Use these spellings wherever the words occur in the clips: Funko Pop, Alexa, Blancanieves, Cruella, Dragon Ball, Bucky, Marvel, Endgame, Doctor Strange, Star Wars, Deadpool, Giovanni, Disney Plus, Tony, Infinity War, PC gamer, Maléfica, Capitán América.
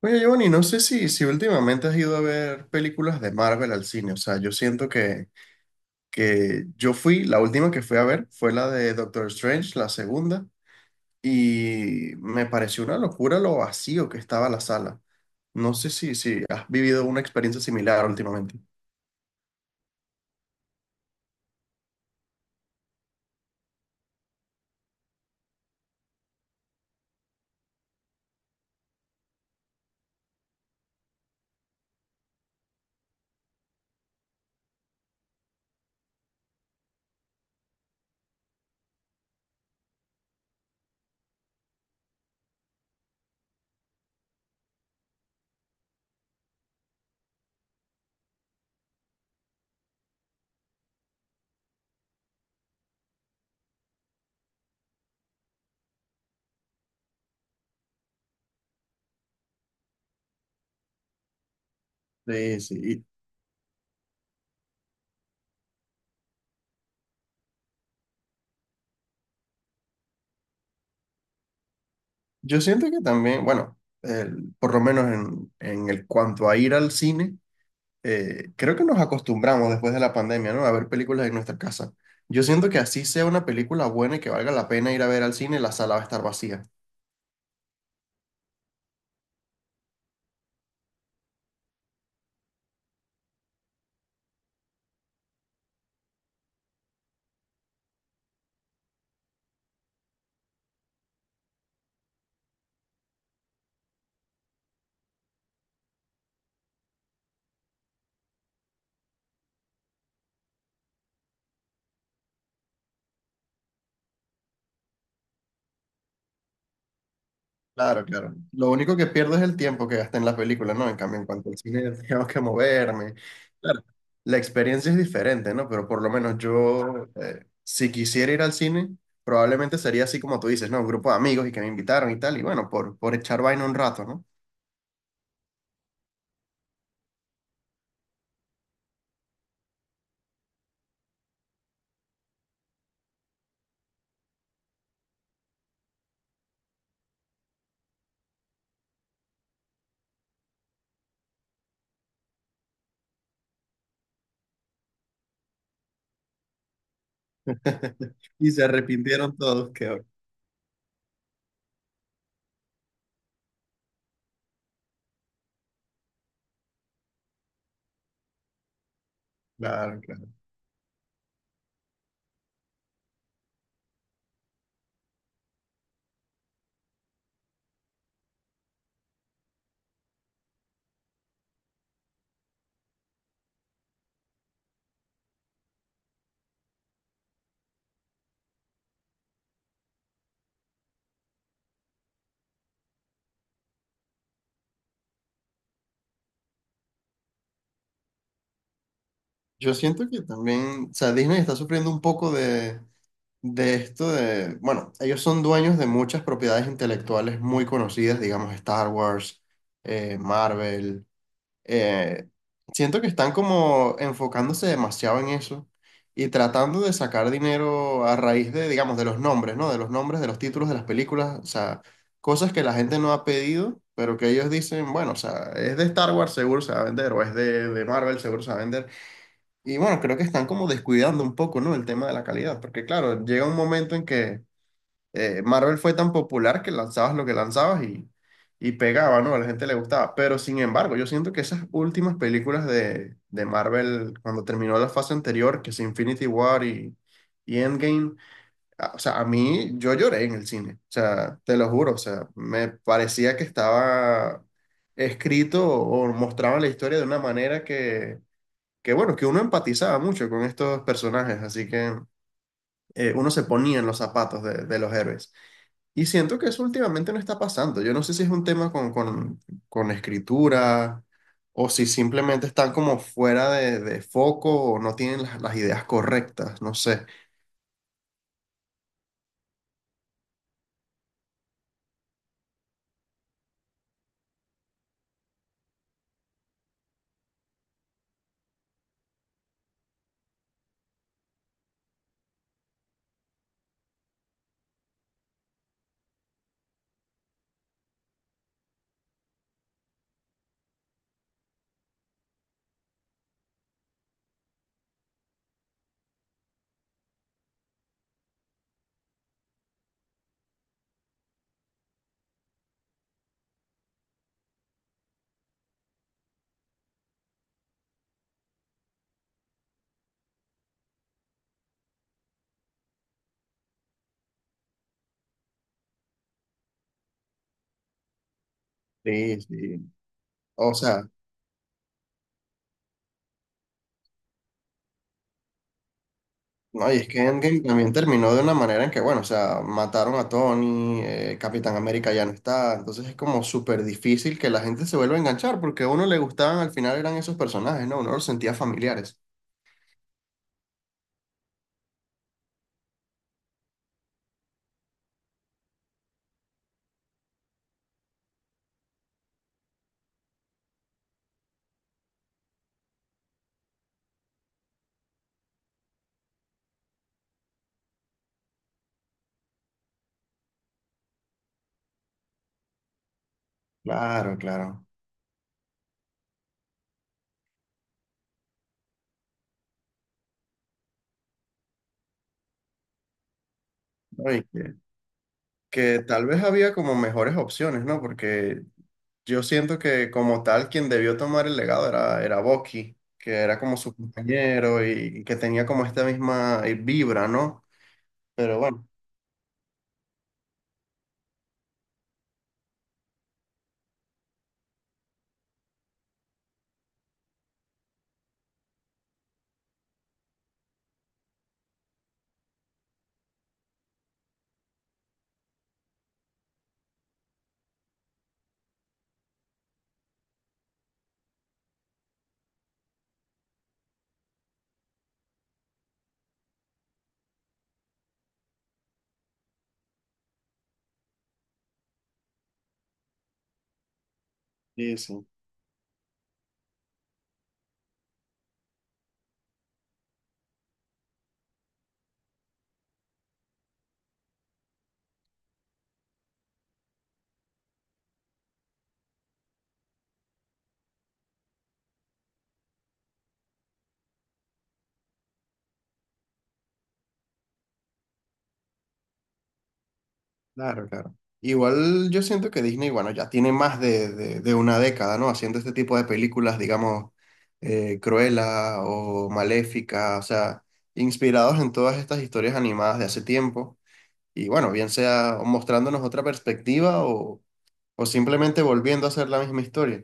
Oye, Giovanni, no sé si últimamente has ido a ver películas de Marvel al cine. O sea, yo siento que yo fui, la última que fui a ver fue la de Doctor Strange, la segunda, y me pareció una locura lo vacío que estaba la sala. No sé si has vivido una experiencia similar últimamente. Sí, sí. Y yo siento que también, bueno, por lo menos en el cuanto a ir al cine. Creo que nos acostumbramos después de la pandemia, ¿no? A ver películas en nuestra casa. Yo siento que así sea una película buena y que valga la pena ir a ver al cine, la sala va a estar vacía. Claro, claro. Lo único que pierdo es el tiempo que gasté en la película, ¿no? En cambio, en cuanto al cine, tengo que moverme. Claro, la experiencia es diferente, ¿no? Pero por lo menos yo, si quisiera ir al cine, probablemente sería así como tú dices, ¿no? Un grupo de amigos y que me invitaron y tal, y bueno, por echar vaina un rato, ¿no? Y se arrepintieron todos, que horror. Claro, claro. Yo siento que también, o sea, Disney está sufriendo un poco de esto de, bueno, ellos son dueños de muchas propiedades intelectuales muy conocidas, digamos Star Wars, Marvel. eh, Siento que están como enfocándose demasiado en eso y tratando de sacar dinero a raíz de, digamos, de los nombres, ¿no? De los nombres, de los títulos de las películas, o sea, cosas que la gente no ha pedido, pero que ellos dicen, bueno, o sea, es de Star Wars, seguro se va a vender, o es de Marvel, seguro se va a vender. Y bueno, creo que están como descuidando un poco, ¿no? El tema de la calidad, porque claro, llega un momento en que Marvel fue tan popular que lanzabas lo que lanzabas y pegaba, ¿no? A la gente le gustaba. Pero sin embargo, yo siento que esas últimas películas de Marvel, cuando terminó la fase anterior, que es Infinity War y Endgame, o sea, a mí yo lloré en el cine, o sea, te lo juro, o sea, me parecía que estaba escrito o mostraban la historia de una manera que bueno, que uno empatizaba mucho con estos personajes, así que uno se ponía en los zapatos de los héroes. Y siento que eso últimamente no está pasando. Yo no sé si es un tema con escritura o si simplemente están como fuera de foco o no tienen las ideas correctas, no sé. Sí, sí. O sea, no, y es que Endgame también terminó de una manera en que, bueno, o sea, mataron a Tony, Capitán América ya no está, entonces es como súper difícil que la gente se vuelva a enganchar, porque a uno le gustaban al final eran esos personajes, ¿no? Uno los sentía familiares. Claro, claro. No, y que tal vez había como mejores opciones, ¿no? Porque yo siento que como tal quien debió tomar el legado era Bucky, que era como su compañero y que tenía como esta misma vibra, ¿no? Pero bueno, sí, sí. Claro, claro. Igual yo siento que Disney, bueno, ya tiene más de una década, ¿no? Haciendo este tipo de películas, digamos, Cruella o Maléfica, o sea, inspirados en todas estas historias animadas de hace tiempo. Y bueno, bien sea mostrándonos otra perspectiva o simplemente volviendo a hacer la misma historia.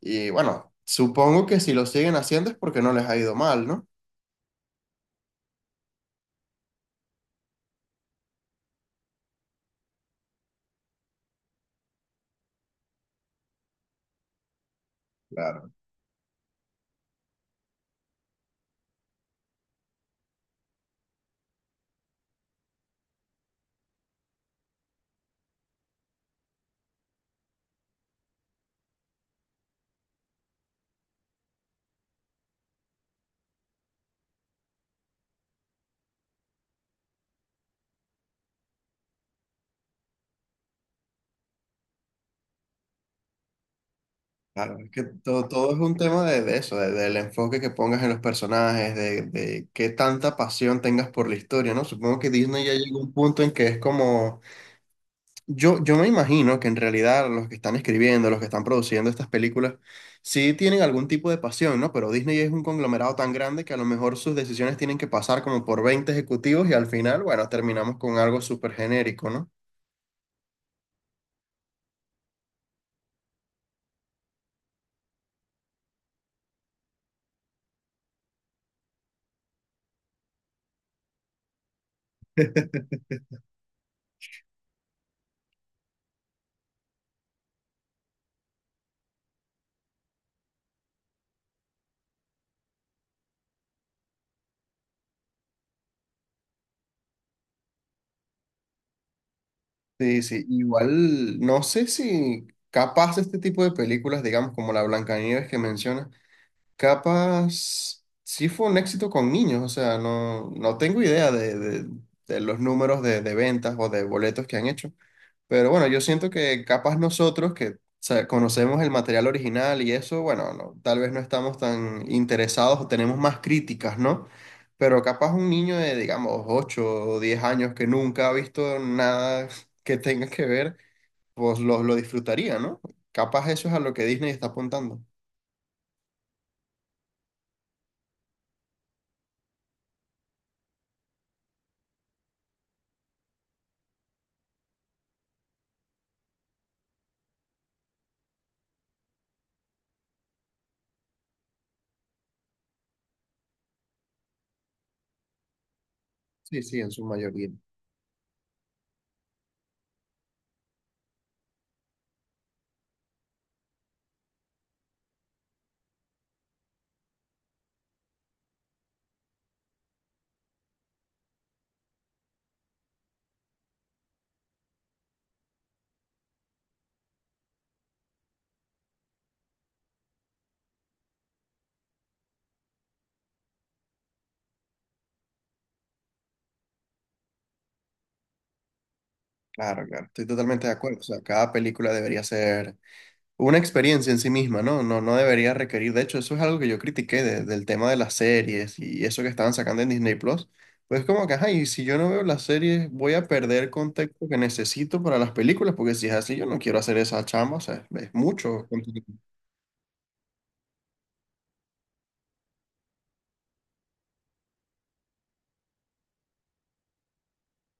Y bueno, supongo que si lo siguen haciendo es porque no les ha ido mal, ¿no? Claro, es que todo es un tema de eso, del enfoque que pongas en los personajes, de qué tanta pasión tengas por la historia, ¿no? Supongo que Disney ya llegó a un punto en que es como, yo me imagino que en realidad los que están escribiendo, los que están produciendo estas películas, sí tienen algún tipo de pasión, ¿no? Pero Disney es un conglomerado tan grande que a lo mejor sus decisiones tienen que pasar como por 20 ejecutivos y al final, bueno, terminamos con algo súper genérico, ¿no? Sí, sí, igual no sé si capaz este tipo de películas, digamos como la Blancanieves que mencionas, capaz sí fue un éxito con niños, o sea, no, no tengo idea de los números de ventas o de boletos que han hecho, pero bueno, yo siento que capaz nosotros que o sea, conocemos el material original y eso, bueno, no, tal vez no estamos tan interesados o tenemos más críticas, ¿no? Pero capaz un niño de, digamos, 8 o 10 años que nunca ha visto nada que tenga que ver, pues lo disfrutaría, ¿no? Capaz eso es a lo que Disney está apuntando. Sí, sí, en su mayoría. Claro, claro, estoy totalmente de acuerdo. O sea, cada película debería ser una experiencia en sí misma, ¿no? No, no debería requerir. De hecho, eso es algo que yo critiqué del tema de las series y eso que estaban sacando en Disney Plus. Pues como que, ajá, y si yo no veo las series, voy a perder contexto que necesito para las películas, porque si es así, yo no quiero hacer esa chamba, o sea, es mucho contenido.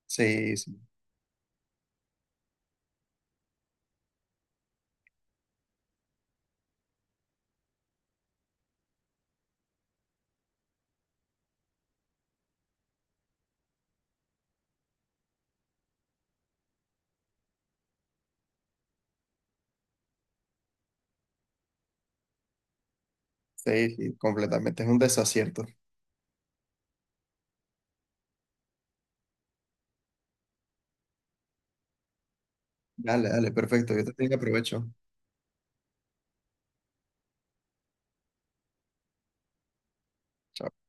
Sí, sí, sí, sí, completamente, es un desacierto. Dale, dale, perfecto, yo te tengo, aprovecho. Chao.